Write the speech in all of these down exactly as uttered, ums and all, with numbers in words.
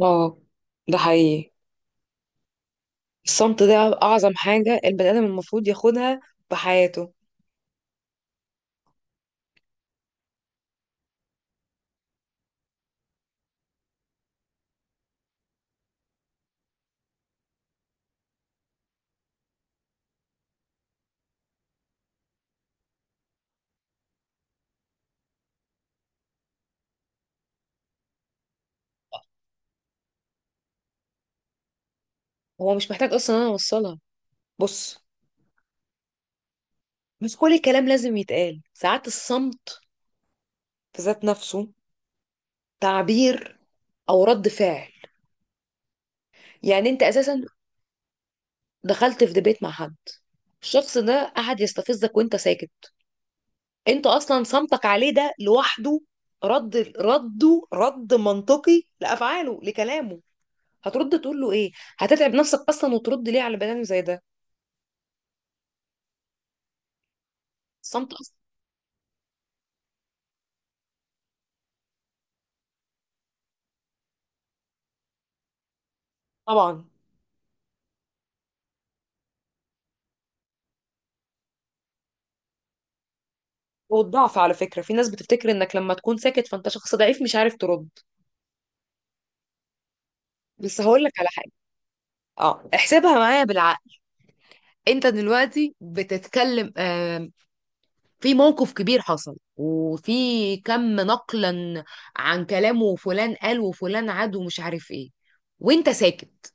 اه ده حقيقي، الصمت ده اعظم حاجة البني ادم المفروض ياخدها في حياته. هو مش محتاج اصلا إن انا اوصلها. بص، مش كل الكلام لازم يتقال، ساعات الصمت في ذات نفسه تعبير او رد فعل. يعني انت اساسا دخلت في دبيت مع حد، الشخص ده قعد يستفزك وانت ساكت. انت اصلا صمتك عليه ده لوحده رد رده رد منطقي لافعاله لكلامه. هترد تقول له ايه؟ هتتعب نفسك اصلا وترد ليه على بني ادم زي ده؟ الصمت اصلا... طبعا. والضعف، على فكره في ناس بتفتكر انك لما تكون ساكت فانت شخص ضعيف مش عارف ترد. بس هقول لك على حاجه، اه احسبها معايا بالعقل. انت دلوقتي بتتكلم، آم، في موقف كبير حصل وفي كم نقلا عن كلامه وفلان قال وفلان عاد ومش عارف ايه، وانت ساكت.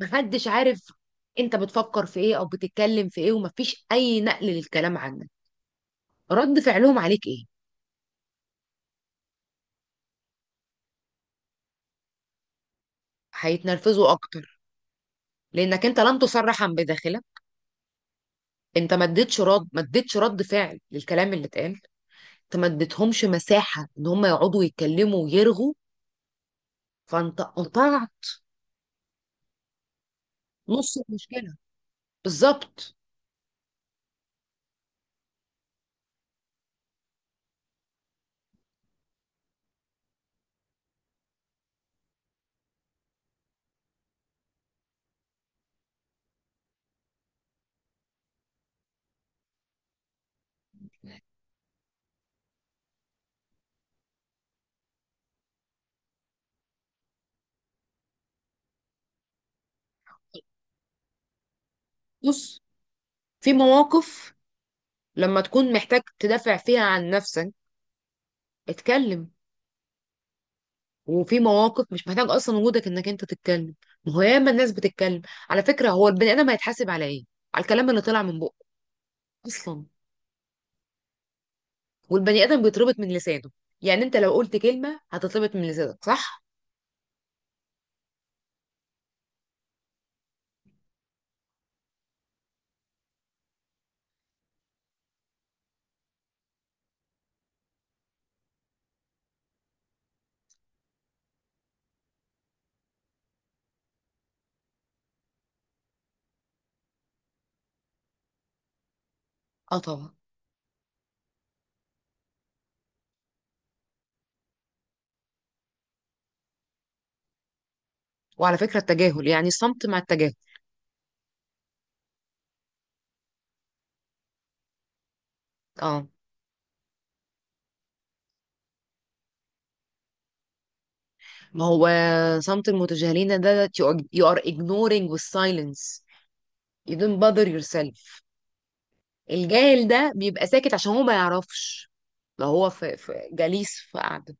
محدش عارف انت بتفكر في ايه او بتتكلم في ايه، ومفيش اي نقل للكلام عنك. رد فعلهم عليك ايه؟ هيتنرفزوا اكتر، لانك انت لم تصرح عن بداخلك. انت ما اديتش رد ما اديتش رد فعل للكلام اللي اتقال. انت ما اديتهمش مساحه ان هم يقعدوا يتكلموا ويرغوا. فانت قطعت نص المشكله. بالظبط. بص، في مواقف لما تكون محتاج تدافع فيها عن نفسك، اتكلم. وفي مواقف مش محتاج اصلا وجودك انك انت تتكلم. ما هو ياما الناس بتتكلم. على فكره هو البني ادم هيتحاسب على ايه؟ على الكلام اللي طلع من بقه اصلا. والبني ادم بيتربط من لسانه، يعني انت لو قلت كلمه هتتربط من لسانك، صح؟ اه، طبعا. وعلى فكرة التجاهل، يعني الصمت مع التجاهل. اه. ما هو صمت المتجاهلين ده ده you are you are ignoring with silence, you don't bother yourself. الجاهل ده بيبقى ساكت عشان هو ما يعرفش. لو هو في, في جليس في قعدة.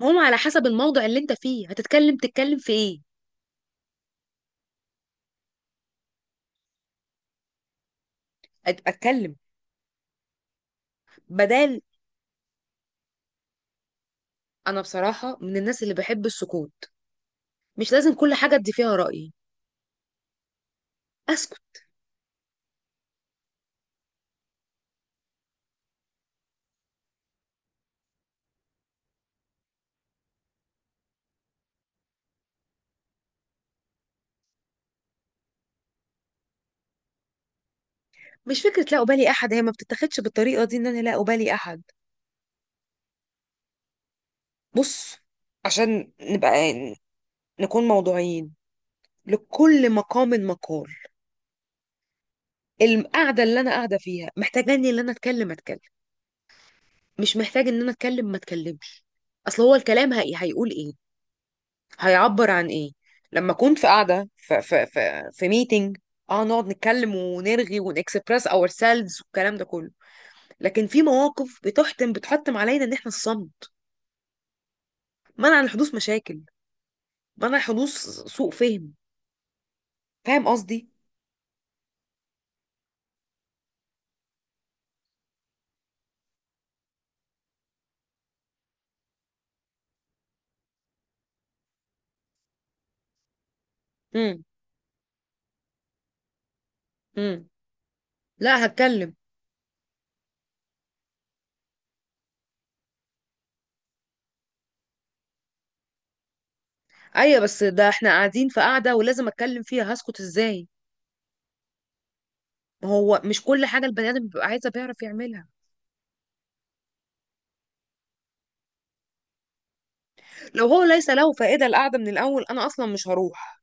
المهم على حسب الموضوع اللي انت فيه هتتكلم، تتكلم في ايه؟ أت- اتكلم. بدال... انا بصراحة من الناس اللي بحب السكوت. مش لازم كل حاجة ادي فيها رأيي، اسكت. مش فكرة لا أبالي أحد، هي ما بتتاخدش بالطريقة دي إن أنا لا أبالي أحد. بص، عشان نبقى نكون موضوعيين، لكل مقام مقال. القعده اللي انا قاعده فيها محتاجاني ان انا اتكلم اتكلم. مش محتاج ان انا اتكلم ما اتكلمش. اصل هو الكلام هي... هيقول ايه؟ هيعبر عن ايه؟ لما كنت في قاعده، في في في, في ميتنج، اه نقعد نتكلم ونرغي ونكسبرس اور سيلفز والكلام ده كله. لكن في مواقف بتحتم بتحتم علينا ان احنا الصمت، منع لحدوث مشاكل، منع حدوث سوء فهم. فاهم قصدي؟ امم. امم، لا، هتكلم. ايوه، بس ده احنا قاعدين في قاعده ولازم اتكلم فيها، هسكت ازاي؟ ما هو مش كل حاجه البني ادم بيبقى عايزه بيعرف يعملها. لو هو ليس له فائده القعده من الاول انا اصلا مش هروح.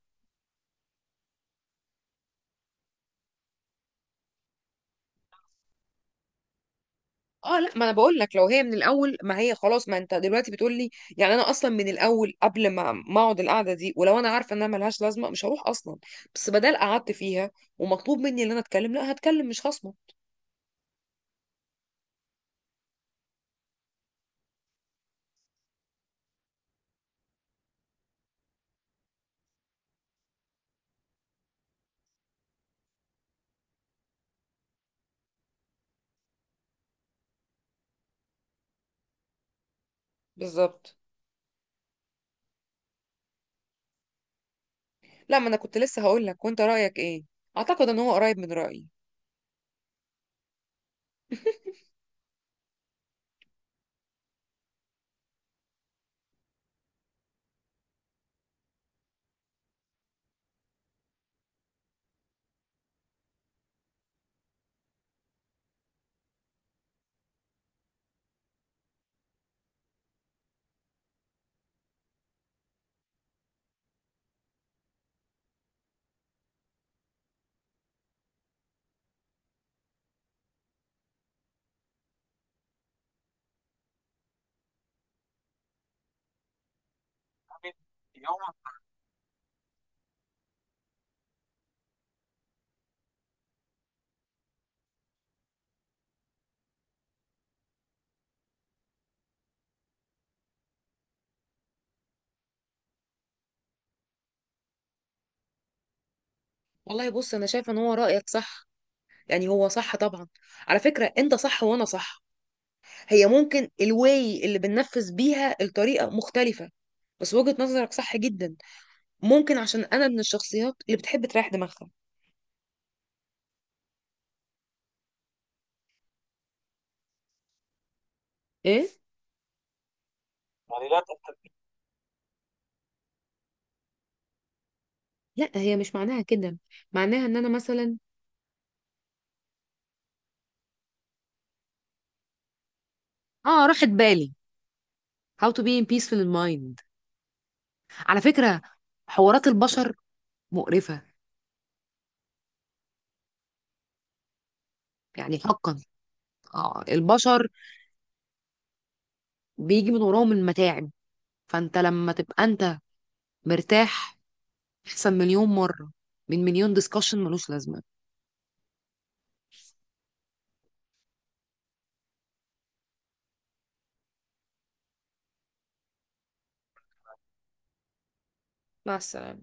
اه، لا، ما انا بقول لك، لو هي من الاول، ما هي خلاص، ما انت دلوقتي بتقول لي. يعني انا اصلا من الاول قبل ما ما اقعد القعده دي، ولو انا عارفه انها ملهاش لازمه مش هروح اصلا. بس بدل قعدت فيها ومطلوب مني ان انا اتكلم، لا هتكلم مش خصمه. بالظبط. لا، ما انا كنت لسه هقول لك، وانت رايك ايه؟ اعتقد ان هو قريب من رايي. والله بص، انا شايفه ان هو رايك صح، يعني هو صح طبعا. على فكرة انت صح وانا صح. هي ممكن الواي اللي بننفذ بيها الطريقة مختلفة، بس وجهة نظرك صح جدا. ممكن عشان انا من الشخصيات اللي بتحب تريح دماغها. ايه. لا، هي مش معناها كده، معناها ان انا مثلا... اه، راحت بالي. how to be in peaceful in mind. على فكرة، حوارات البشر مقرفة، يعني حقا. اه البشر بيجي من وراهم المتاعب. فانت لما تبقى انت مرتاح، احسن مليون مرة من مليون ديسكشن ملوش لازمة. مع السلامة.